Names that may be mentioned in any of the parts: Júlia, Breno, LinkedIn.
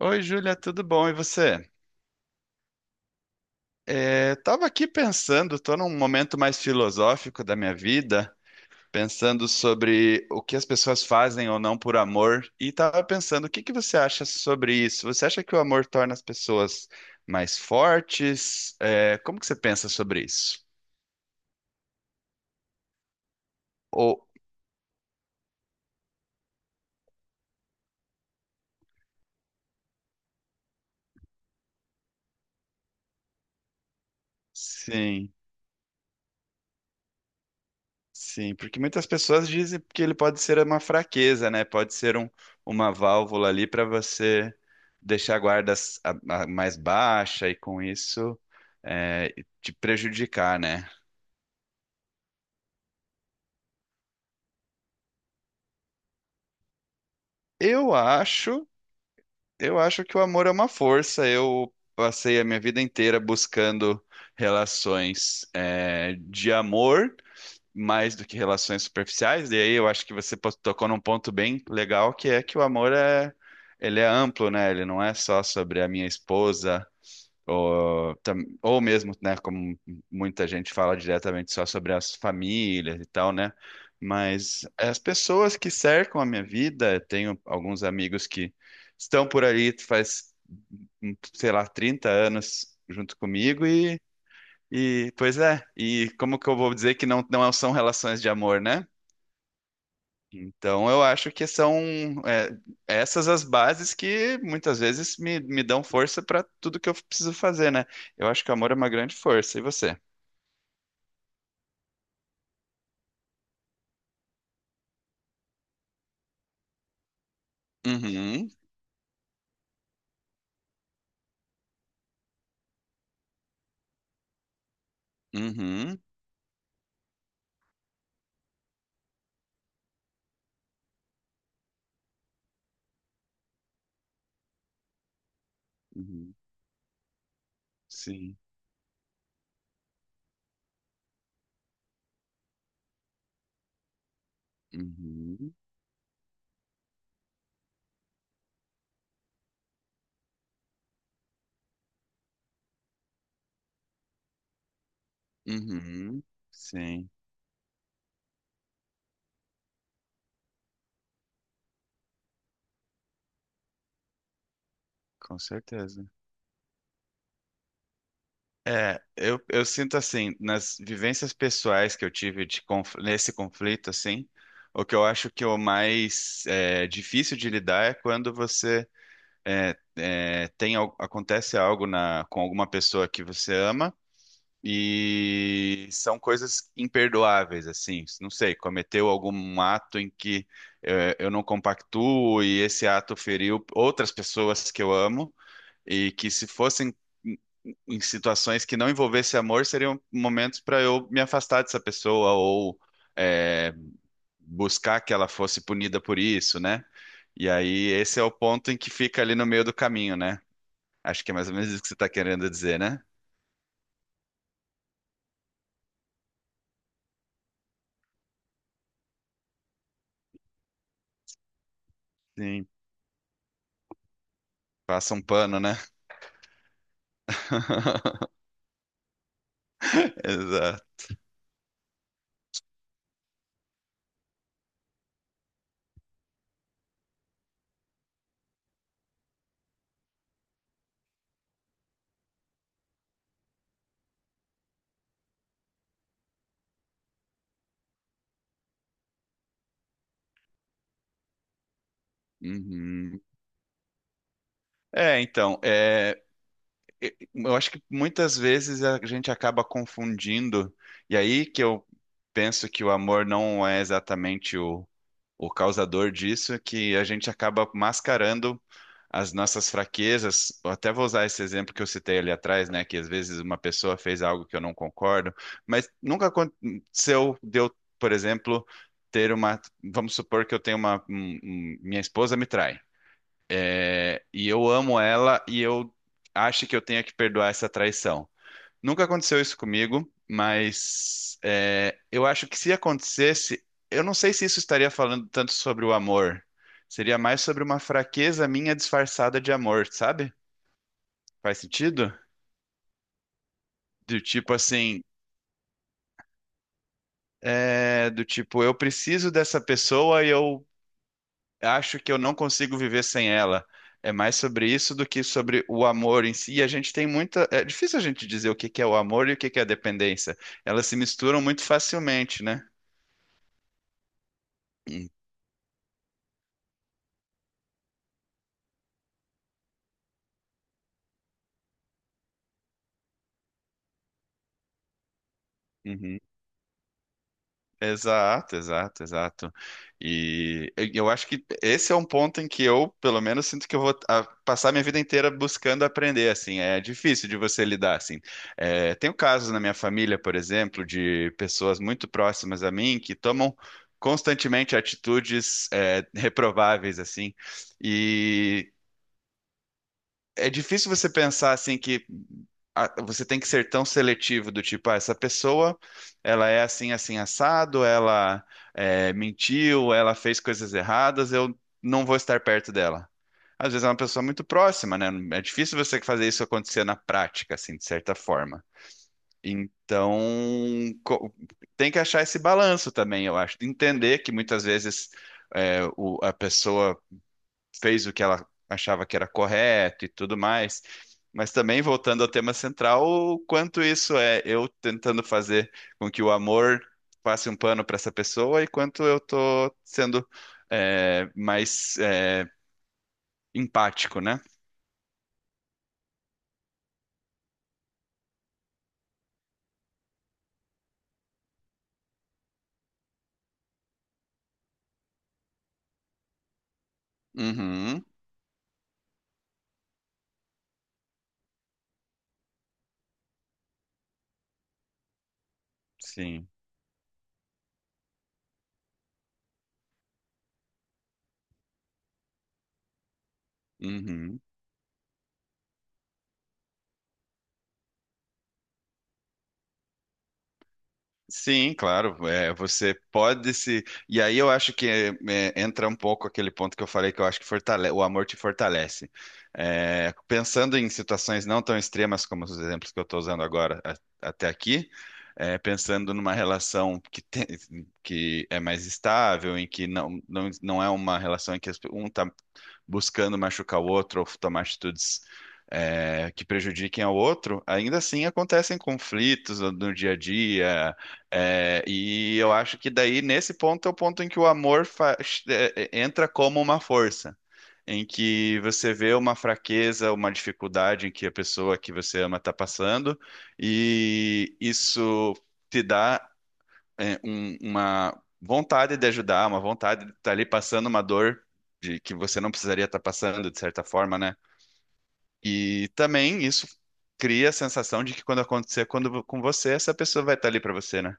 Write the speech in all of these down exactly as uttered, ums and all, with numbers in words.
Oi, Júlia, tudo bom? E você? É, tava aqui pensando, tô num momento mais filosófico da minha vida, pensando sobre o que as pessoas fazem ou não por amor, e tava pensando, o que que você acha sobre isso? Você acha que o amor torna as pessoas mais fortes? É, como que você pensa sobre isso? Ou, sim. Sim, porque muitas pessoas dizem que ele pode ser uma fraqueza, né? Pode ser um, uma válvula ali para você deixar a guarda s- a- a- mais baixa e com isso é, te prejudicar, né? Eu acho, eu acho que o amor é uma força. Eu passei a minha vida inteira buscando relações é, de amor. Mais do que relações superficiais, e aí eu acho que você po- tocou num ponto bem legal, que é que o amor é, ele é amplo, né? Ele não é só sobre a minha esposa, ou, tam- ou mesmo, né, como muita gente fala diretamente, só sobre as famílias e tal, né? Mas as pessoas que cercam a minha vida, eu tenho alguns amigos que estão por ali faz, sei lá, trinta anos junto comigo e e, pois é, e como que eu vou dizer que não, não são relações de amor, né? Então eu acho que são é, essas as bases que muitas vezes me, me dão força para tudo que eu preciso fazer, né? Eu acho que o amor é uma grande força. E você? Uhum, uhum, uhum, sim, uhum, uhum, sim, com certeza. É, eu, eu sinto assim, nas vivências pessoais que eu tive de conf- nesse conflito, assim, o que eu acho que o mais é, difícil de lidar é quando você é, é, tem, al- acontece algo na, com alguma pessoa que você ama e são coisas imperdoáveis, assim, não sei, cometeu algum ato em que é, eu não compactuo e esse ato feriu outras pessoas que eu amo. E que se fossem em em situações que não envolvesse amor, seriam momentos para eu me afastar dessa pessoa ou é, buscar que ela fosse punida por isso, né? E aí esse é o ponto em que fica ali no meio do caminho, né? Acho que é mais ou menos isso que você está querendo dizer, né? Sim, passa um pano, né? Exato. Uhum. É, então, é. Eu acho que muitas vezes a gente acaba confundindo, e aí que eu penso que o amor não é exatamente o, o causador disso, que a gente acaba mascarando as nossas fraquezas. Eu até vou usar esse exemplo que eu citei ali atrás, né? Que às vezes uma pessoa fez algo que eu não concordo, mas nunca aconteceu de eu, por exemplo, ter uma. Vamos supor que eu tenho uma. Um- um- minha esposa me trai. É, e eu amo ela e eu acho que eu tenho que perdoar essa traição. Nunca aconteceu isso comigo, mas é, eu acho que se acontecesse, eu não sei se isso estaria falando tanto sobre o amor. Seria mais sobre uma fraqueza minha disfarçada de amor, sabe? Faz sentido? Do tipo assim, é, do tipo, eu preciso dessa pessoa e eu acho que eu não consigo viver sem ela. É mais sobre isso do que sobre o amor em si. E a gente tem muita. É difícil a gente dizer o que que é o amor e o que que é a dependência. Elas se misturam muito facilmente, né? Uhum. Exato, exato, exato. E eu eu acho que esse é um ponto em que eu, pelo menos, sinto que eu vou ah, passar minha vida inteira buscando aprender, assim. É difícil de você lidar, assim. É, tenho casos na minha família, por exemplo, de pessoas muito próximas a mim que tomam constantemente atitudes, é, reprováveis, assim. E é difícil você pensar, assim, que a- você tem que ser tão seletivo do tipo, ah, essa pessoa, ela é assim, assim, assado, ela é, mentiu, ela fez coisas erradas, eu não vou estar perto dela. Às vezes é uma pessoa muito próxima, né? É difícil você fazer isso acontecer na prática, assim, de certa forma. Então, co- tem que achar esse balanço também, eu acho. Entender que muitas vezes é, o- a pessoa fez o que ela achava que era correto e tudo mais. Mas também, voltando ao tema central, o quanto isso é eu tentando fazer com que o amor passe um pano para essa pessoa e quanto eu tô sendo é, mais é, empático, né? Uhum, sim. Uhum. Sim, claro. É, você pode se. E aí eu acho que é, é, entra um pouco aquele ponto que eu falei que eu acho que fortale... o amor te fortalece. É, pensando em situações não tão extremas como os exemplos que eu estou usando agora a- até aqui, é, pensando numa relação que, tem- que é mais estável, em que não, não, não é uma relação em que as pe- um está buscando machucar o outro ou tomar atitudes é, que prejudiquem ao outro, ainda assim acontecem conflitos no, no dia a dia. é, e eu acho que daí, nesse ponto, é o ponto em que o amor fa- é, é, entra como uma força. Em que você vê uma fraqueza, uma dificuldade em que a pessoa que você ama está passando, e isso te dá é, um- uma vontade de ajudar, uma vontade de estar ali passando uma dor de que você não precisaria estar passando, de certa forma, né? E também isso cria a sensação de que quando acontecer quando, com você, essa pessoa vai estar ali para você, né?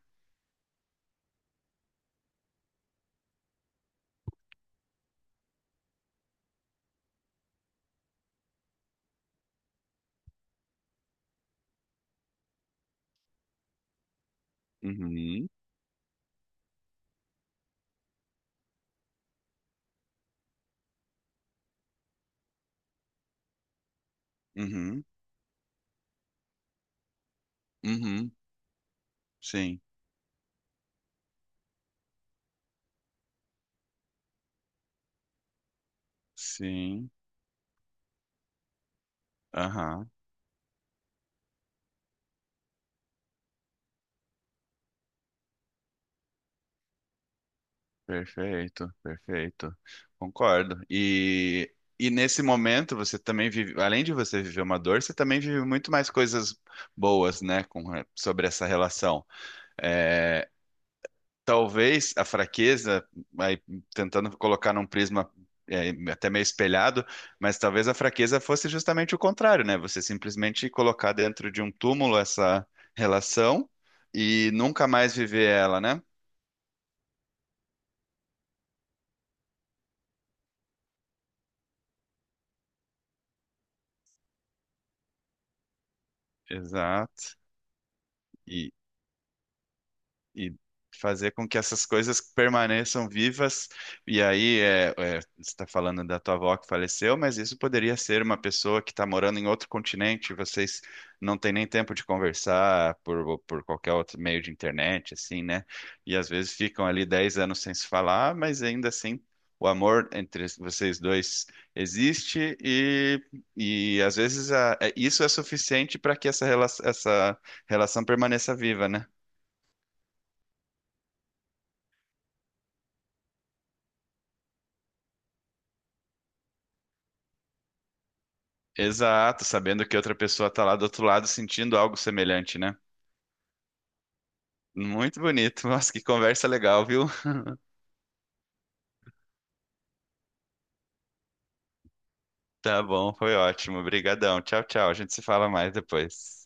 Uhum, uhum, uhum, sim, sim, aham. Perfeito, perfeito. Concordo. E, e nesse momento você também vive, além de você viver uma dor, você também vive muito mais coisas boas, né, com, sobre essa relação. É, talvez a fraqueza, aí, tentando colocar num prisma é, até meio espelhado, mas talvez a fraqueza fosse justamente o contrário, né? Você simplesmente colocar dentro de um túmulo essa relação e nunca mais viver ela, né? Exato. E, e fazer com que essas coisas permaneçam vivas. E aí, é, é, você está falando da tua avó que faleceu, mas isso poderia ser uma pessoa que está morando em outro continente, vocês não têm nem tempo de conversar por, por qualquer outro meio de internet, assim, né? E às vezes ficam ali dez anos sem se falar, mas ainda assim. O amor entre vocês dois existe e, e às vezes a- é- isso é suficiente para que essa, rela- essa relação permaneça viva, né? Exato, sabendo que outra pessoa tá lá do outro lado sentindo algo semelhante, né? Muito bonito. Nossa, que conversa legal, viu? Tá bom, foi ótimo. Obrigadão. Tchau, tchau. A gente se fala mais depois.